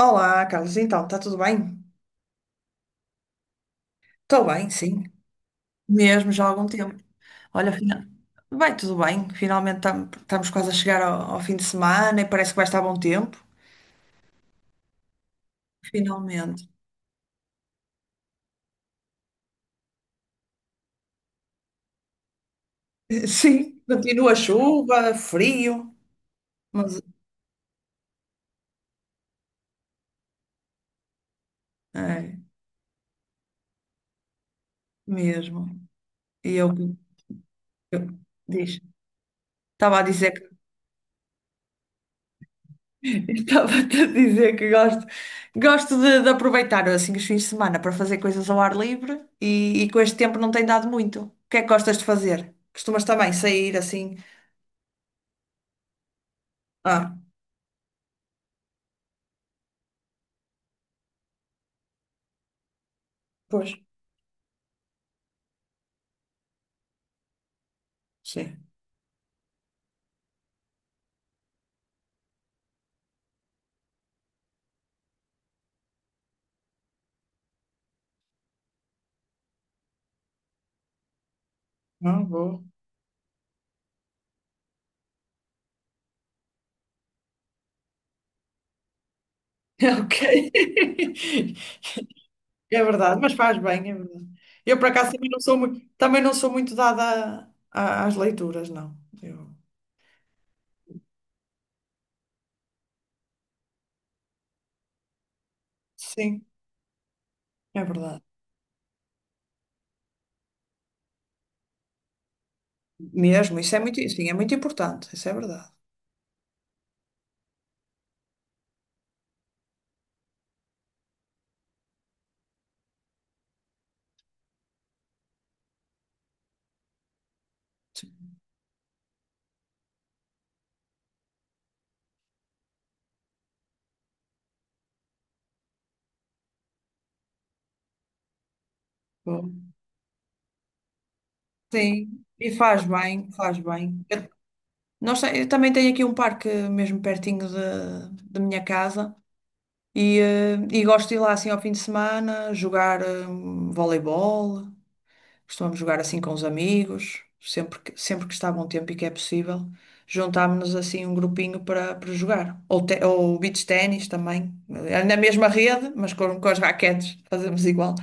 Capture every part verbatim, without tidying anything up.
Olá, Carlos, então, está tudo bem? Estou bem, sim, mesmo já há algum tempo. Olha, final... vai tudo bem, finalmente tam- estamos quase a chegar ao, ao fim de semana e parece que vai estar bom tempo. Finalmente. Sim, continua a chuva, frio, mas é mesmo. E eu, eu- Diz, estava a dizer. Estava-te a dizer que gosto, gosto de, de aproveitar assim os fins de semana para fazer coisas ao ar livre e, e com este tempo não tem dado muito. O que é que gostas de fazer? Costumas também sair assim? Ah, pois, sim. Não vou. Ok. É verdade, mas faz bem, é verdade. Eu por acaso também não sou muito, também não sou muito dada a- às leituras, não. Eu- Sim, é verdade. Mesmo, isso é muito, sim, é muito importante, isso é verdade. Sim, e faz bem, faz bem. Eu, nós, te- eu também tenho aqui um parque mesmo pertinho da da minha casa e, eh, e gosto de ir lá assim ao fim de semana jogar eh, voleibol. Costumamos jogar assim com os amigos, sempre que, sempre que está bom tempo e que é possível, juntámos-nos assim um grupinho para, para jogar. Ou, te, ou beach ténis também, eh, na mesma rede, mas com, com as raquetes, fazemos igual.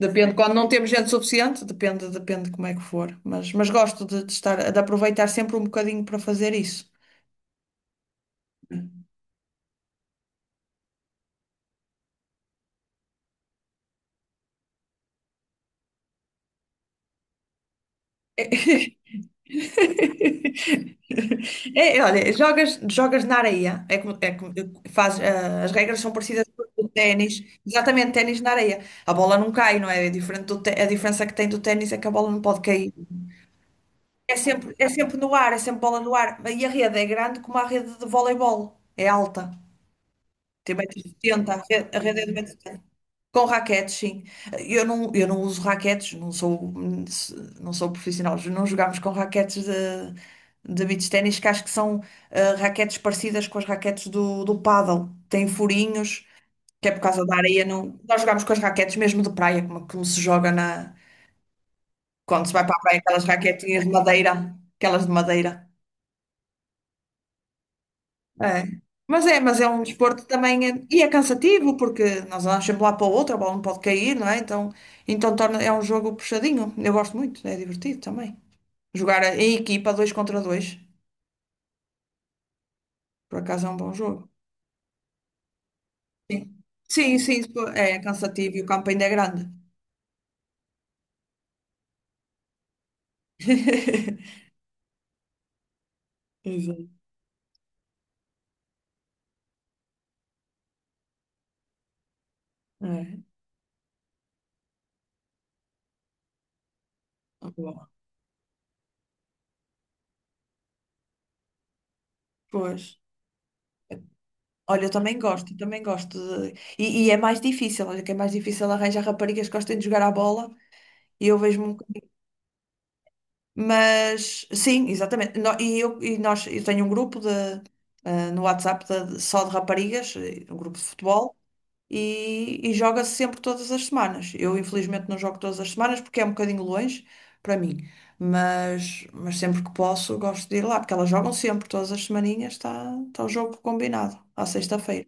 Depende, quando não temos gente suficiente, depende, depende como é que for. Mas, mas gosto de, de estar, de aproveitar sempre um bocadinho para fazer isso. É, olha, jogas, jogas na areia. É como, é como faz, ah, as regras são parecidas com o ténis. Exatamente, ténis na areia. A bola não cai, não é? É diferente do té- a diferença que tem do ténis é que a bola não pode cair. É sempre, é sempre no ar, é sempre bola no ar. E a rede é grande como a rede de voleibol. É alta. Tem um metro e setenta. A rede, a rede é de um metro e setenta. Com raquetes, sim. Eu não, eu não uso raquetes, não sou, não sou profissional. Não jogamos com raquetes de, de beach ténis, que acho que são eh, raquetes parecidas com as raquetes do, do paddle. Têm furinhos, que é por causa da areia. Não. Nós jogamos com as raquetes mesmo de praia, como, como se joga na... Quando se vai para a praia, aquelas raquetinhas de madeira, aquelas de madeira. É. Mas é, mas é um desporto também, é- e é cansativo, porque nós andamos sempre lá para o outro, a bola não pode cair, não é? Então, então torna, é um jogo puxadinho. Eu gosto muito, é divertido também. Jogar em equipa, dois contra dois, por acaso é um bom jogo. Sim, sim, sim, isso é cansativo e o campo ainda é grande. Exato. É. Bom, pois. Olha, eu também gosto, eu também gosto de... E, e é mais difícil, olha que é mais difícil arranjar raparigas que gostem de jogar à bola e eu vejo-me. Mas sim, exatamente. No- e, eu, e nós, eu tenho um grupo de, ah, no WhatsApp de- só de raparigas, eh, um grupo de futebol, e, e joga-se sempre todas as semanas. Eu, infelizmente, não jogo todas as semanas porque é um bocadinho longe para mim, mas, mas sempre que posso, gosto de ir lá, porque elas jogam sempre, todas as semaninhas está, está o jogo combinado, à sexta-feira.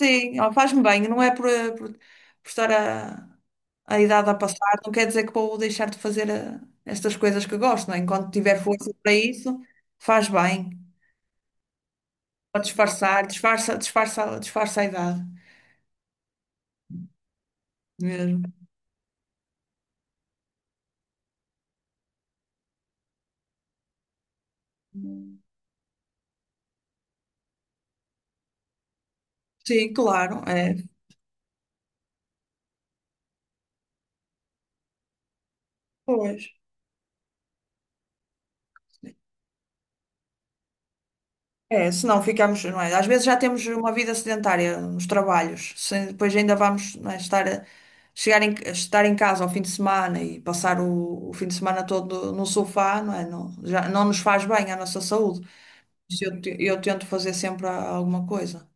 Sim, ó, faz-me bem, não é por, por, por estar a, a idade a passar, não quer dizer que vou deixar de fazer eh, estas coisas que gosto, não é? Enquanto tiver força para isso, faz bem, para disfarçar, disfarça, disfarça, disfarça a idade mesmo. Sim, claro, é, pois. É, se não ficamos, não é? Às vezes já temos uma vida sedentária nos trabalhos, se- depois ainda vamos, não é, estar, a- chegar em, a estar em casa ao fim de semana e passar o, o fim de semana todo no sofá, não é? Não, já, não nos faz bem à nossa saúde. Isso. Eu, te- eu tento fazer sempre a- alguma coisa.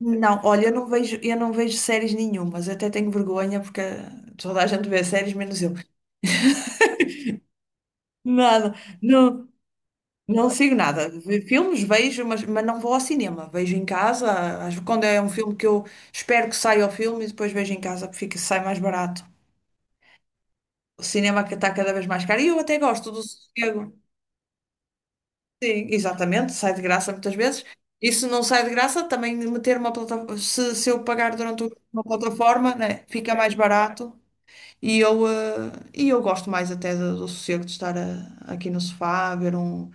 Não, olha, eu não vejo, eu não vejo séries nenhumas, até tenho vergonha porque toda a gente vê séries, menos eu. Nada, não. Não sigo nada. Vi- Filmes vejo, mas, mas não vou ao cinema. Vejo em casa. às- Quando é um filme que eu espero que saia o filme e depois vejo em casa, porque fica, sai mais barato. O cinema que está cada vez mais caro. E eu até gosto do sossego. Sim, exatamente. Sai de graça muitas vezes. E se não sai de graça, também meter uma plataforma. Se, se eu pagar durante o- uma plataforma, né, fica mais barato. E eu, eh, e eu gosto mais até do, do sossego de estar eh, aqui no sofá, a ver um.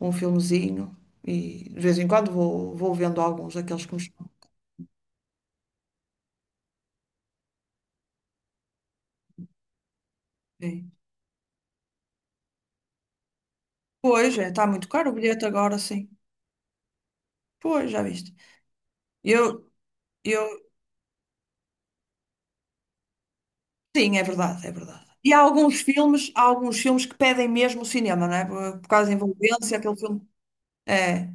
um filmezinho e de vez em quando vou, vou vendo alguns daqueles que me chamam. É. Pois, é, está muito caro o bilhete agora, sim. Pois, já viste. Eu, eu, sim, é verdade, é verdade. E há alguns filmes, há alguns filmes que pedem mesmo o cinema, não é? Por, por causa da envolvência, aquele filme. É.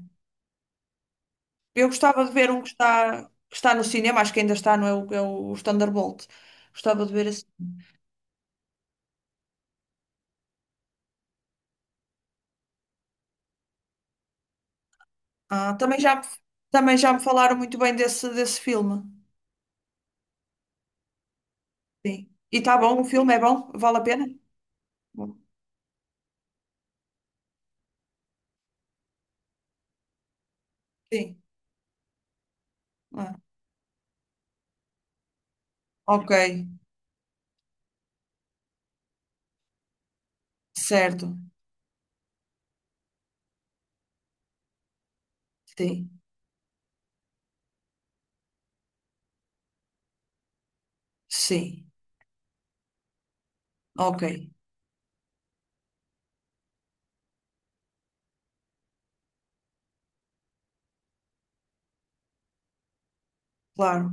Eu gostava de ver um que está, que está no cinema, acho que ainda está, não é o, é o Thunderbolt. Gostava de ver esse. Ah, também já, me- também já me falaram muito bem desse, desse filme. Sim. E está bom, o filme é bom? Vale a pena? Sim. Ah, ok, certo. Sim, sim. Ok, claro.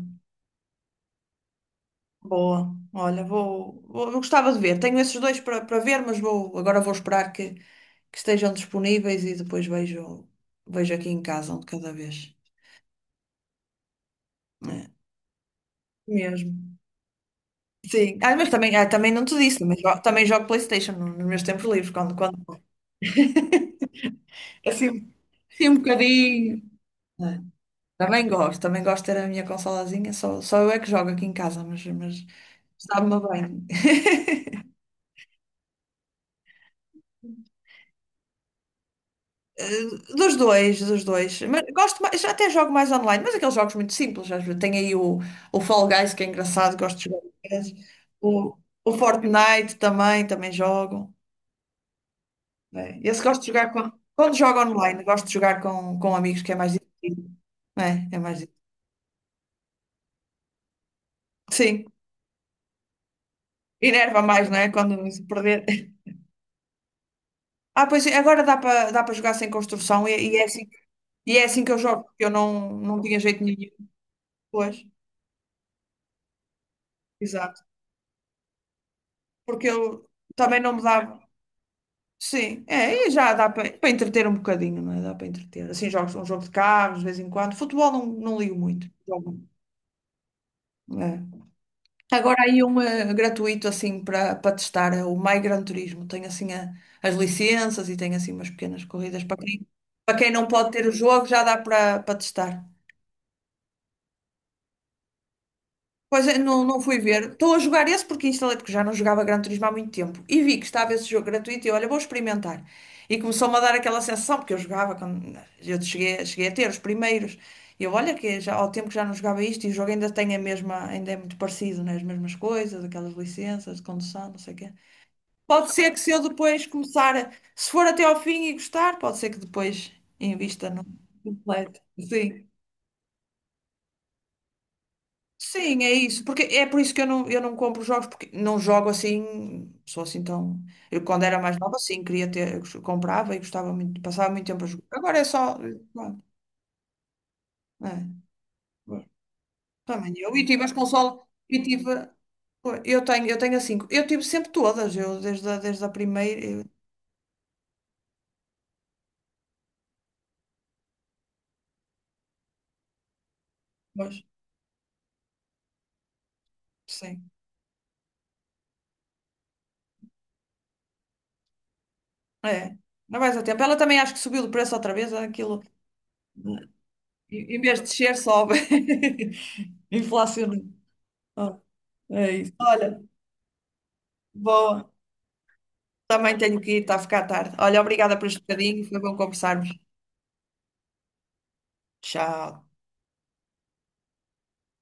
Boa. Olha, vou, vou- eu gostava de ver. Tenho esses dois para para ver, mas vou agora vou esperar que, que estejam disponíveis e depois vejo vejo aqui em casa um de cada vez. É, mesmo. Sim. Ah, mas também, ah, também não te disse, também jogo, também jogo PlayStation no- nos meus tempos livres, quando, quando assim, assim um bocadinho. É, Também gosto, também gosto de ter a minha consolazinha, só, só eu é que jogo aqui em casa, mas, mas sabe-me bem. Eh, Dos dois, dos dois. Mas gosto mais, já até jogo mais online, mas aqueles jogos muito simples. Às vezes. Tem aí o, o Fall Guys, que é engraçado, gosto de jogar com eles. O, o Fortnite também, também jogo, né? Esse gosto de jogar com, quando jogo online, gosto de jogar com, com amigos, que é mais divertido. É, é mais divertido. Sim, enerva mais, não é? Quando se perder. Ah, pois é, agora dá para dá para jogar sem construção e, e é assim, e é assim que eu jogo, porque eu não, não tinha jeito nenhum. Pois, exato. Porque ele também não me dava. Sim, é, e já dá para para entreter um bocadinho, não é? Dá para entreter. Assim, jogos, um jogo de carros, de vez em quando. Futebol não, não ligo muito. Jogo, é. Agora aí um eh, gratuito, assim, para para testar, é o My Gran Turismo. Tem, assim, a- as licenças e tem, assim, umas pequenas corridas. Para quem, para quem não pode ter o jogo, já dá para para testar. Pois é, não, não fui ver. Estou a jogar esse porque instalei, porque já não jogava Gran Turismo há muito tempo. E vi que estava esse jogo gratuito e olha, vou experimentar. E começou-me a dar aquela sensação, porque eu jogava quando eu cheguei, cheguei a ter os primeiros. E eu, olha, que já, ao tempo que já não jogava isto e o jogo ainda tem a mesma, ainda é muito parecido, né? As mesmas coisas, aquelas licenças de condução, não sei o quê. Pode ser que se eu depois começar, a- se for até ao fim e gostar, pode ser que depois invista no completo. Sim. Sim, é isso. Porque é por isso que eu não, eu não compro jogos, porque não jogo assim, sou assim tão. Eu quando era mais nova, sim, queria ter, eu comprava e gostava muito, passava muito tempo a jogar. Agora é só. Pronto, é. Também eu. E tive as consolas, e tive. Eu tenho, eu tenho a cinco. Eu tive sempre todas, eu desde a, desde a primeira. Eu- mas, sim. É. Não vais a tempo. Ela também acho que subiu de preço outra vez, aquilo. Em em vez de descer, sobe. Inflaciona. Ah, é isso. Olha. Boa. Também tenho que ir, está a ficar tarde. Olha, obrigada por este bocadinho, foi bom conversarmos. Tchau.